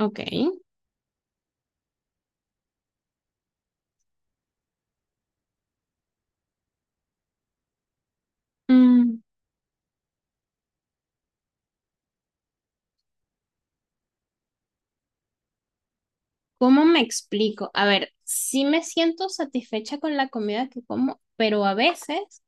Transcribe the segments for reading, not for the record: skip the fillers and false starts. Ok. Mm, ¿Cómo me explico? A ver, sí me siento satisfecha con la comida que como, pero a veces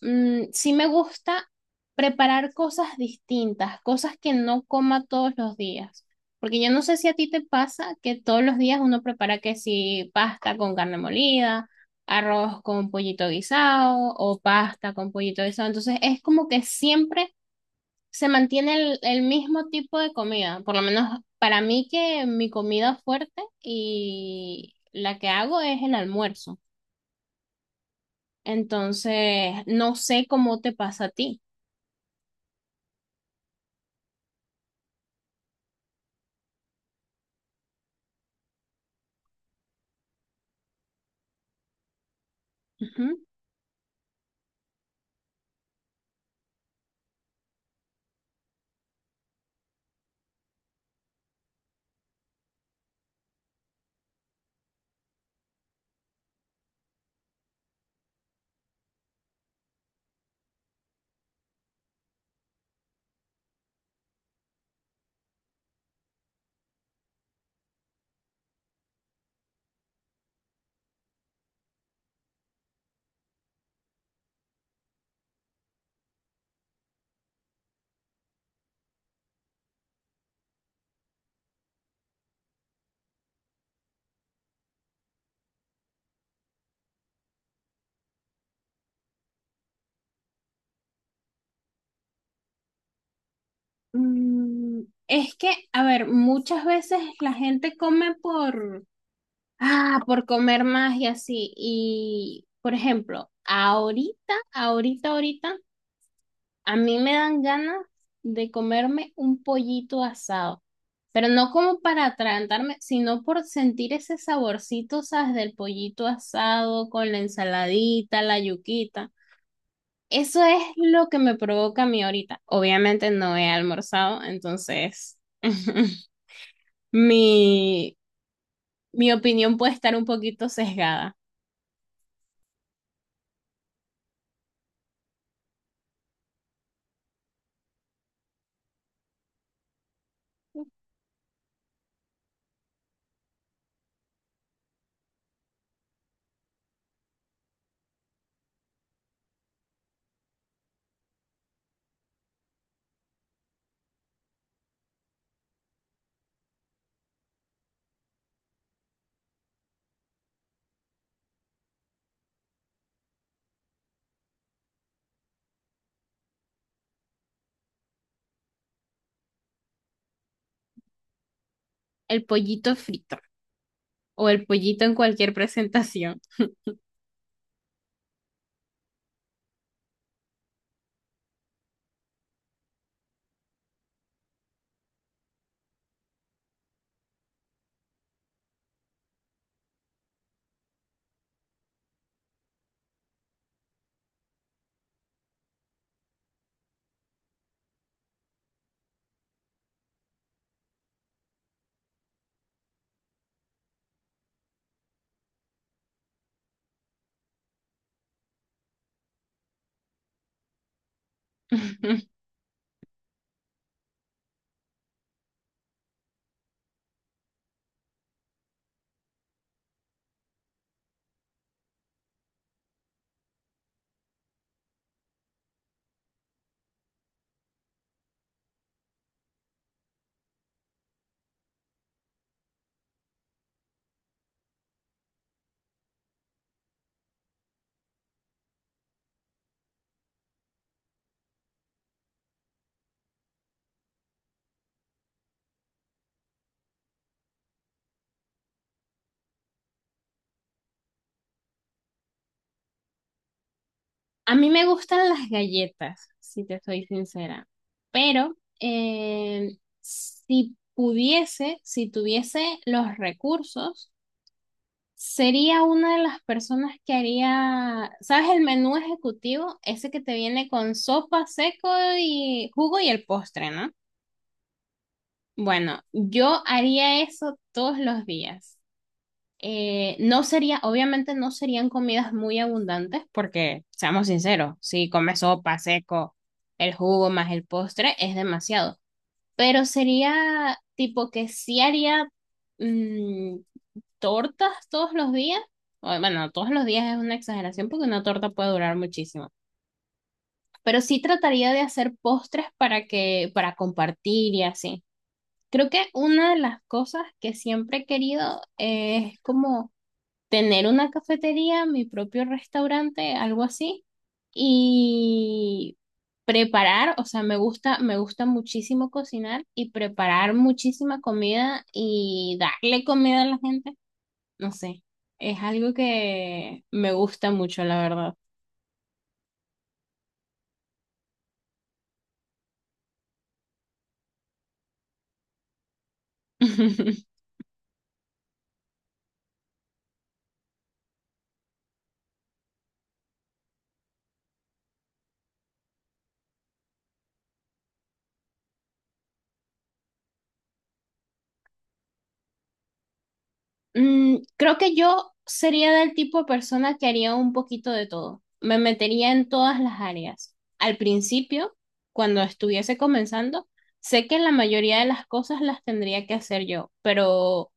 sí me gusta preparar cosas distintas, cosas que no coma todos los días. Porque yo no sé si a ti te pasa que todos los días uno prepara que si pasta con carne molida, arroz con pollito guisado o pasta con pollito guisado. Entonces es como que siempre se mantiene el mismo tipo de comida, por lo menos para mí que mi comida fuerte y la que hago es el almuerzo. Entonces, no sé cómo te pasa a ti. Ujú. Mm, es que, a ver, muchas veces la gente come ah, por comer más y así. Y, por ejemplo, ahorita a mí me dan ganas de comerme un pollito asado, pero no como para atragantarme, sino por sentir ese saborcito, ¿sabes? Del pollito asado con la ensaladita, la yuquita. Eso es lo que me provoca a mí ahorita. Obviamente no he almorzado, entonces mi, mi opinión puede estar un poquito sesgada. El pollito frito o el pollito en cualquier presentación. A mí me gustan las galletas, si te soy sincera, pero si pudiese, si tuviese los recursos, sería una de las personas que haría, ¿sabes? El menú ejecutivo, ese que te viene con sopa, seco y jugo y el postre, ¿no? Bueno, yo haría eso todos los días. Obviamente no serían comidas muy abundantes porque, seamos sinceros, si comes sopa, seco, el jugo más el postre es demasiado, pero sería tipo que sí haría mm, tortas todos los días, o, bueno, todos los días es una exageración porque una torta puede durar muchísimo, pero sí trataría de hacer postres para para compartir y así. Creo que una de las cosas que siempre he querido es como tener una cafetería, mi propio restaurante, algo así, y preparar, o sea, me gusta muchísimo cocinar y preparar muchísima comida y darle comida a la gente, no sé, es algo que me gusta mucho, la verdad. Creo que yo sería del tipo de persona que haría un poquito de todo. Me metería en todas las áreas. Al principio, cuando estuviese comenzando, sé que la mayoría de las cosas las tendría que hacer yo, pero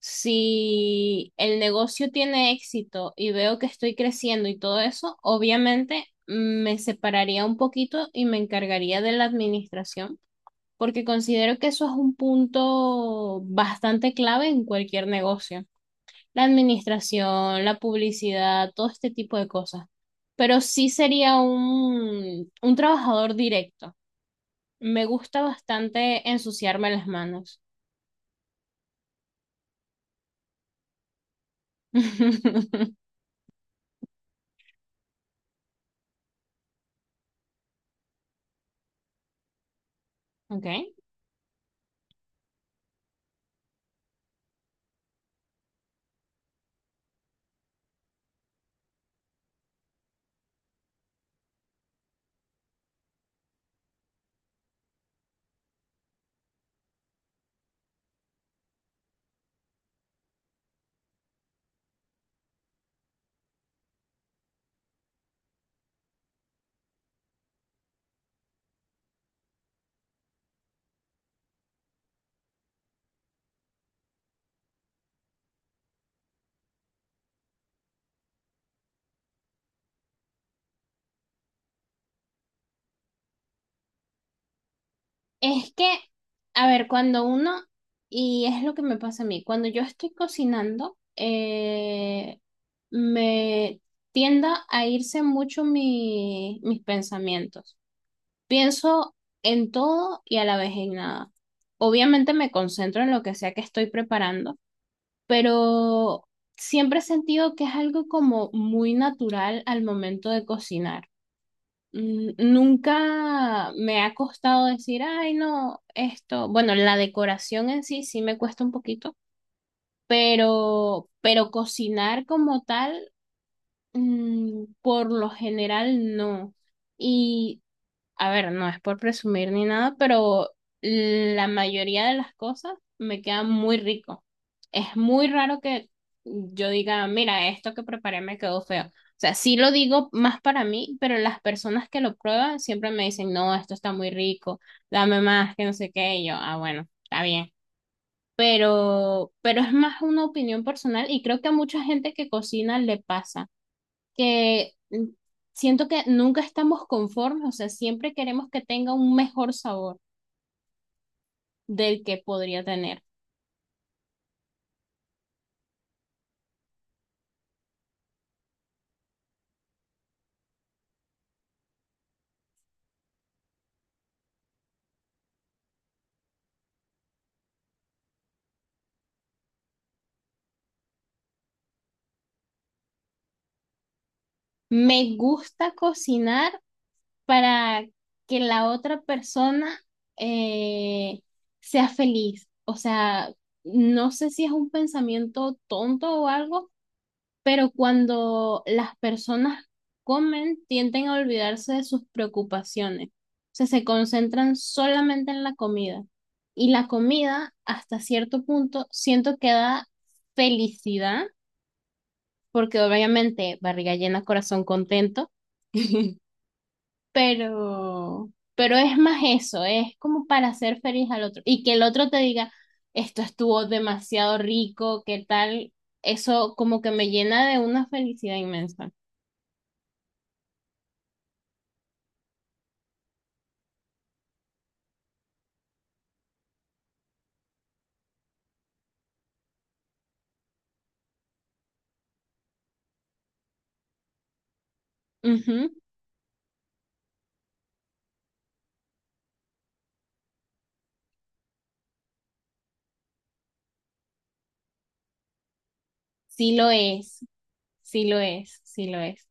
si el negocio tiene éxito y veo que estoy creciendo y todo eso, obviamente me separaría un poquito y me encargaría de la administración, porque considero que eso es un punto bastante clave en cualquier negocio la administración, la publicidad, todo este tipo de cosas. Pero sí sería un trabajador directo. Me gusta bastante ensuciarme las manos. Ok. Es que, a ver, y es lo que me pasa a mí, cuando yo estoy cocinando, me tienda a irse mucho mis pensamientos. Pienso en todo y a la vez en nada. Obviamente me concentro en lo que sea que estoy preparando, pero siempre he sentido que es algo como muy natural al momento de cocinar. Nunca me ha costado decir, ay, no, esto, bueno, la decoración en sí sí me cuesta un poquito, pero cocinar como tal, por lo general no. Y a ver, no es por presumir ni nada, pero la mayoría de las cosas me quedan muy rico. Es muy raro que yo diga, mira, esto que preparé me quedó feo. O sea, sí lo digo más para mí, pero las personas que lo prueban siempre me dicen, no, esto está muy rico, dame más, que no sé qué. Y yo, ah, bueno, está bien. Pero es más una opinión personal y creo que a mucha gente que cocina le pasa que siento que nunca estamos conformes, o sea, siempre queremos que tenga un mejor sabor del que podría tener. Me gusta cocinar para que la otra persona eh, sea feliz, o sea, no sé si es un pensamiento tonto o algo pero cuando las personas comen, tienden a olvidarse de sus preocupaciones. O sea, se concentran solamente en la comida. Y la comida, hasta cierto punto, siento que da felicidad, porque obviamente barriga llena, corazón contento. Pero, pero es más eso, es como para hacer feliz al otro. Y que el otro te diga, esto estuvo demasiado rico, ¿qué tal? Eso como que me llena de una felicidad inmensa. Ujú, sí lo es, sí lo es, sí lo es.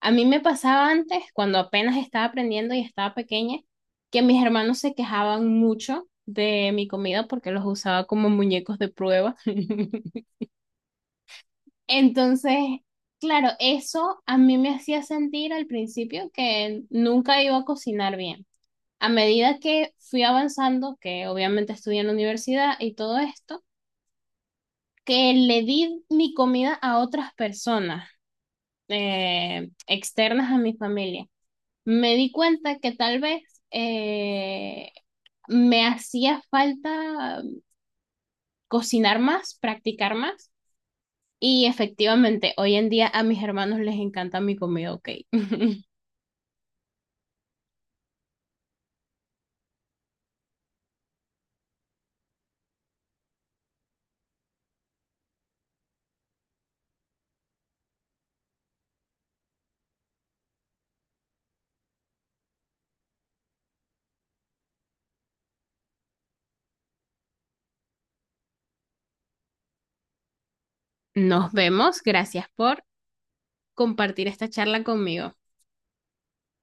A mí me pasaba antes, cuando apenas estaba aprendiendo y estaba pequeña, que mis hermanos se quejaban mucho de mi comida porque los usaba como muñecos de prueba. Entonces, claro, eso a mí me hacía sentir al principio que nunca iba a cocinar bien. A medida que fui avanzando, que obviamente estudié en la universidad y todo esto, que le di mi comida a otras personas externas a mi familia. Me di cuenta que tal vez eh, me hacía falta cocinar más, practicar más. Y efectivamente, hoy en día a mis hermanos les encanta mi comida, ok. Nos vemos. Gracias por compartir esta charla conmigo.